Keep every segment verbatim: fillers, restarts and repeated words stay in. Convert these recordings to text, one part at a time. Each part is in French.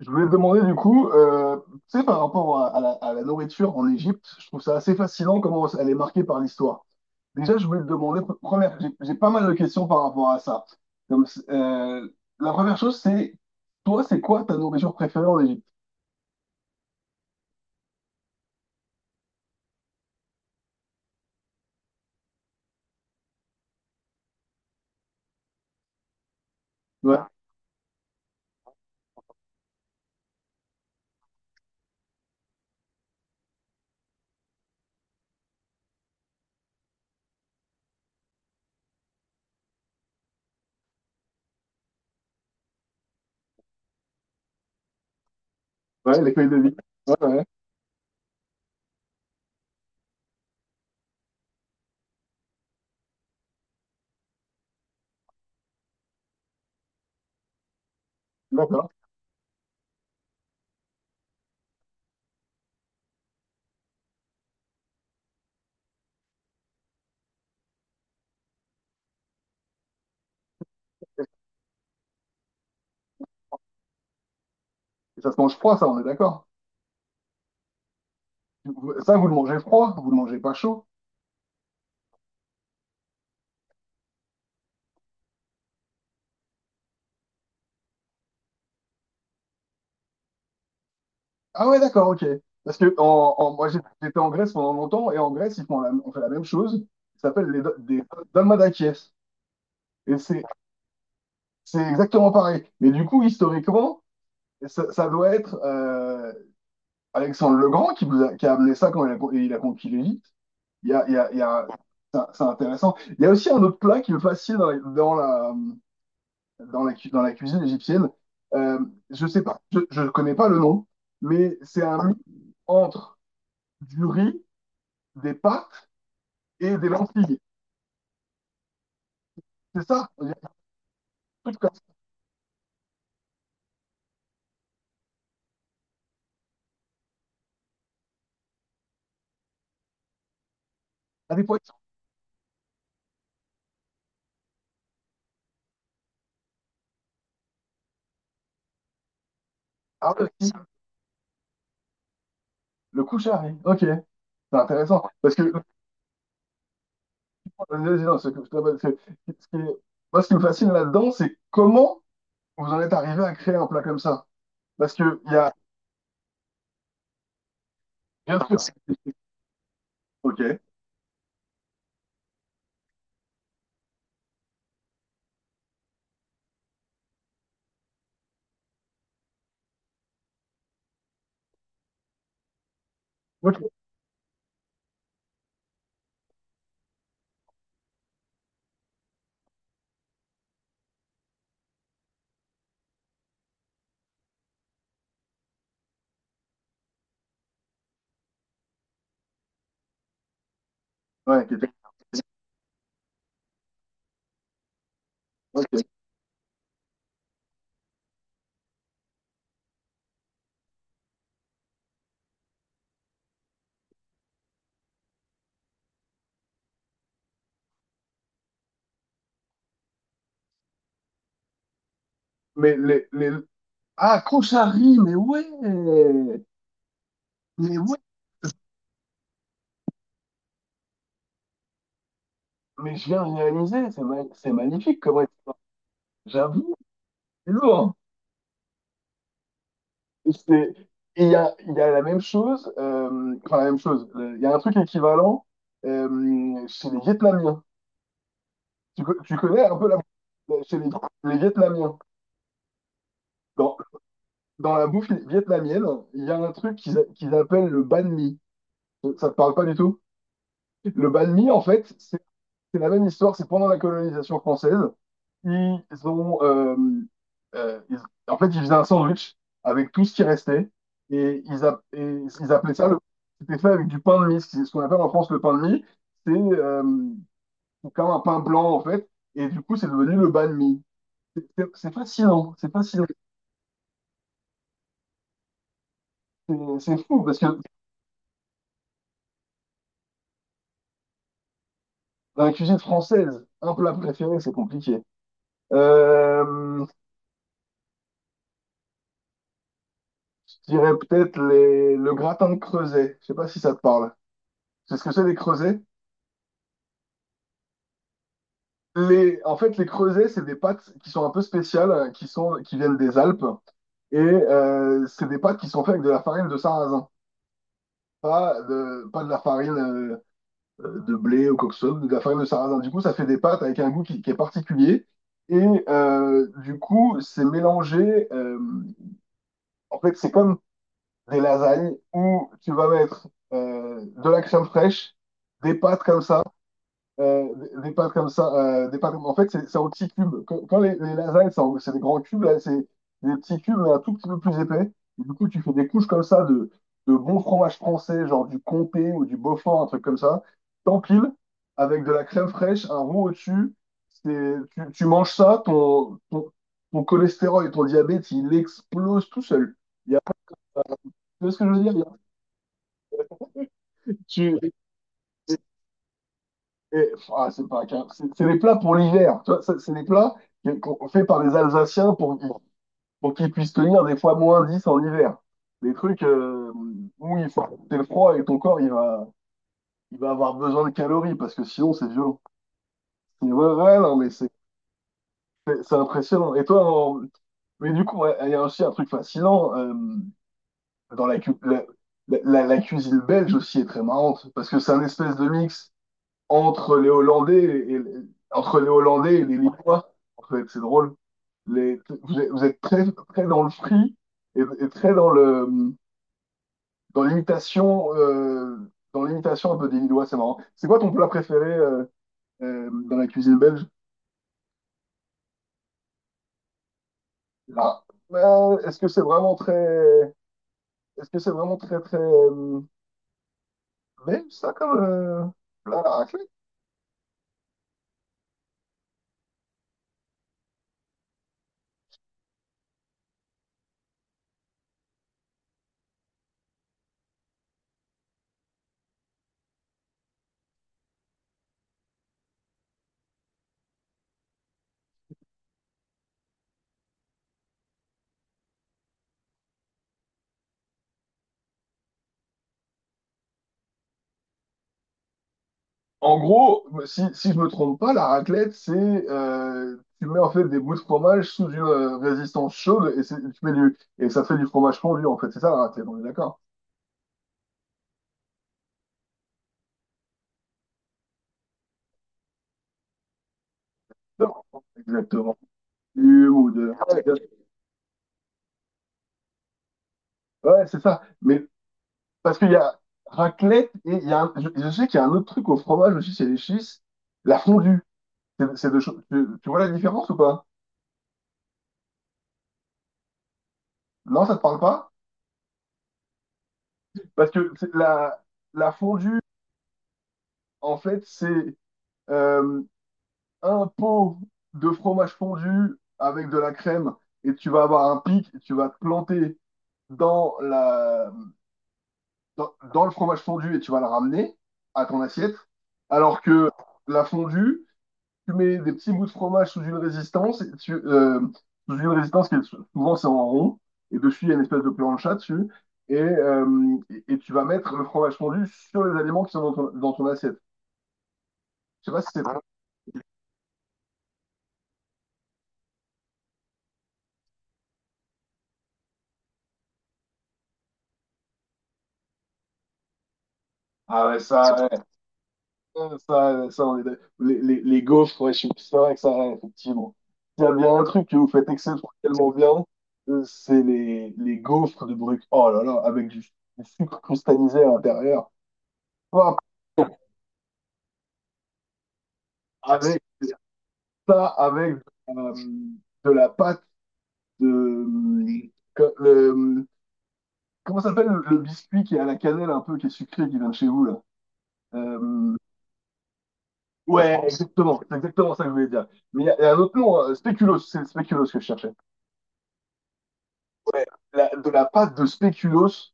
Je voulais te demander du coup, euh, tu sais, par rapport à, à la, à la nourriture en Égypte, je trouve ça assez fascinant comment elle est marquée par l'histoire. Déjà, je voulais te demander, pre- première, j'ai j'ai pas mal de questions par rapport à ça. Comme, c- euh, la première chose, c'est, toi, c'est quoi ta nourriture préférée en Égypte? Ouais, ouais, les feuilles de vie. Ouais, ouais, d'accord. Et ça se mange froid, ça, on est d'accord. Ça, vous le mangez froid, vous le mangez pas chaud. Ah ouais, d'accord, ok. Parce que en, en- moi, j'ai- j'étais en Grèce pendant longtemps, et en Grèce, ils font la, on fait la même chose. Ça s'appelle les do- des dalmadakiès. Et c'est c'est exactement pareil. Mais du coup, historiquement, ça, ça doit être euh, Alexandre le Grand qui, nous a, qui a amené ça quand il a, con- il a conquis l'Égypte. Il y a, il y a, il y a, c'est c'est intéressant. Il y a aussi un autre plat qui me fascine dans, dans la, dans la, cu- dans la cuisine égyptienne. Euh, je sais pas, je, je connais pas le nom, mais c'est un mix entre du riz, des pâtes et des lentilles. C'est ça? Il y a un truc comme ça. Ah, des poissons. Ah ouais, si. Le couchari. Ok. C'est intéressant. Parce que, vas-y, non, c'est- c'est- c'est- ce qui est- moi, ce qui me fascine là-dedans, c'est comment vous en êtes arrivé à créer un plat comme ça. Parce que, il y a, bien sûr. Ok. Ok. Ouais, qui était- ok. Mais les, les... Ah, Couchari, mais ouais! Mais ouais! Mais je viens de réaliser, c'est ma- c'est magnifique comment... J'avoue, c'est lourd. c'est- Il y a, il y a la même chose, euh, enfin la même chose, le- il y a un truc équivalent euh, chez les Vietnamiens. Tu, co- tu connais un peu la Chez les, les Vietnamiens. Dans, dans la bouffe vietnamienne, il y a un truc qu'ils a- qu'ils appellent le banh mi. Ça ne te parle pas du tout? Le banh mi, en fait, c'est... C'est la même histoire, c'est pendant la colonisation française, ils ont, euh, euh, ils- en fait, ils faisaient un sandwich avec tout ce qui restait et ils, a- et ils appelaient ça le. C'était fait avec du pain de mie. C'est ce qu'on appelle en France le pain de mie. C'est euh, c'est comme un pain blanc en fait, et du coup, c'est devenu le banh mi. C'est c'est- c'est fascinant, c'est fascinant, c'est c'est fou parce que dans la cuisine française, un plat préféré, c'est compliqué. Euh, je dirais peut-être les- le gratin de Creuset. Je sais pas si ça te parle. C'est ce que c'est les creusets. Les, en fait, Les creusets, c'est des pâtes qui sont un peu spéciales, euh, qui sont, qui viennent des Alpes, et euh, c'est des pâtes qui sont faites avec de la farine de sarrasin, pas de, pas de la farine euh, euh, de blé ou quoi que ce soit, mais de la farine de sarrasin. Du coup, ça fait des pâtes avec un goût qui, qui est particulier, et euh, du coup, c'est mélangé. Euh, en fait, c'est comme des lasagnes où tu vas mettre euh, de la crème fraîche, des pâtes comme ça, euh, des, des pâtes comme ça, euh, des pâtes comme- En fait, c'est c'est en petits cubes. Quand, quand les, les lasagnes, c'est en- c'est des grands cubes, là, c'est des petits cubes, mais un tout petit peu plus épais. Et du coup, tu fais des couches comme ça de, de bon fromage français, genre du comté ou du Beaufort, un truc comme ça. T'empiles avec de la crème fraîche, un roux au-dessus. C'est- Tu, tu manges ça, ton, ton, ton cholestérol et ton diabète, il explose tout seul. Il y a, tu vois ce que je veux dire? Il y a- Et, ah, c'est pas qu'un- c'est c'est des plats pour l'hiver. Tu vois, ça, c'est des plats qui- qu'on fait par les Alsaciens pour, qu'ils- pour qu'ils puissent tenir des fois moins dix en hiver. Des trucs euh, où il faut accepter le froid et ton corps il va, il va avoir besoin de calories parce que sinon c'est violent. Et ouais, ouais, non, mais c'est c'est- c'est impressionnant. Et toi, en- mais du coup, ouais, il y a aussi un truc fascinant euh, dans la, cu- la, la, la- la cuisine belge aussi est très marrante parce que c'est un espèce de mix entre les Hollandais et entre les Hollandais et les Lillois. En fait, c'est drôle. Les, vous êtes, vous êtes très, très dans le free et, et très dans le dans l'imitation euh, dans l'imitation un peu des Lillois, c'est marrant. C'est quoi ton plat préféré euh, euh, dans la cuisine belge? Là, euh, est-ce que c'est vraiment très est-ce que c'est vraiment très très euh, belge ça comme euh, plat? En gros, si, si je me trompe pas, la raclette, c'est euh, tu mets en fait des bouts de fromage sous une euh, résistance chaude et, c'est- tu mets du, et ça fait du fromage fondu en fait. C'est ça la raclette, on est d'accord? Exactement. Du- ou de- Ouais, c'est ça. Mais parce qu'il y a raclette et il y a un- je, je sais qu'il y a un autre truc au fromage aussi chez les schistes, la fondue. C'est c'est deux choses. Tu, tu vois la différence ou pas? Non, ça te parle pas? Parce que c'est la, la fondue, en fait, c'est euh, un pot de fromage fondu avec de la crème et tu vas avoir un pic et tu vas te planter dans la, dans, dans le fromage fondu et tu vas le ramener à ton assiette. Alors que la fondue, tu mets des petits bouts de fromage sous une résistance, et tu, euh, sous une résistance qui est sou- souvent c'est en rond et dessus il y a une espèce de plancha dessus. Et, euh, et, et tu vas mettre le fromage fondu sur les aliments qui sont dans ton, dans ton assiette. Je sais pas si c'est... Ah ouais, ça, Euh, Ça, ça, on est d'ac- les, les, les gaufres, ouais, je suis c'est vrai que ça, ouais, effectivement. S'il y a bien un truc que vous faites exceptionnellement bien, euh, c'est les, les gaufres de Bruck. Oh là là, avec du, du sucre cristallisé à l'intérieur. Hop, avec ça, avec euh, de la pâte de. Que- le, comment ça s'appelle le, le biscuit qui est à la cannelle un peu, qui est sucré, qui vient de chez vous là? Euh, ouais, exactement, c'est exactement ça que je voulais dire. Mais il y, a il y a un autre nom, hein, spéculoos, c'est le spéculoos que je cherchais. La- de la pâte de spéculoos.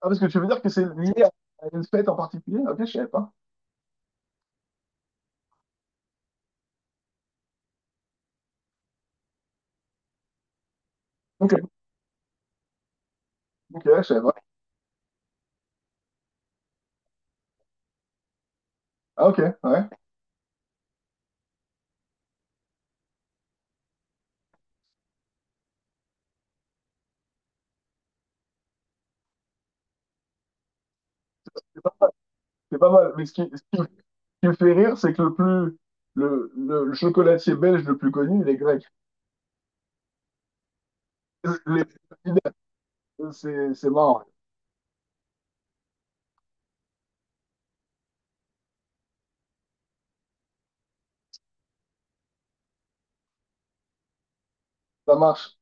Ah, parce que tu veux dire que c'est lié à à une fête en particulier? Ok, je savais pas. Ok, ok, je savais pas. Ah, ok, ouais, c'est pas mal. Mais ce qui, ce qui- ce qui me fait rire, c'est que le plus, le, le, le chocolatier belge le plus connu, il est grec. Les- C'est, c'est marrant, ça marche.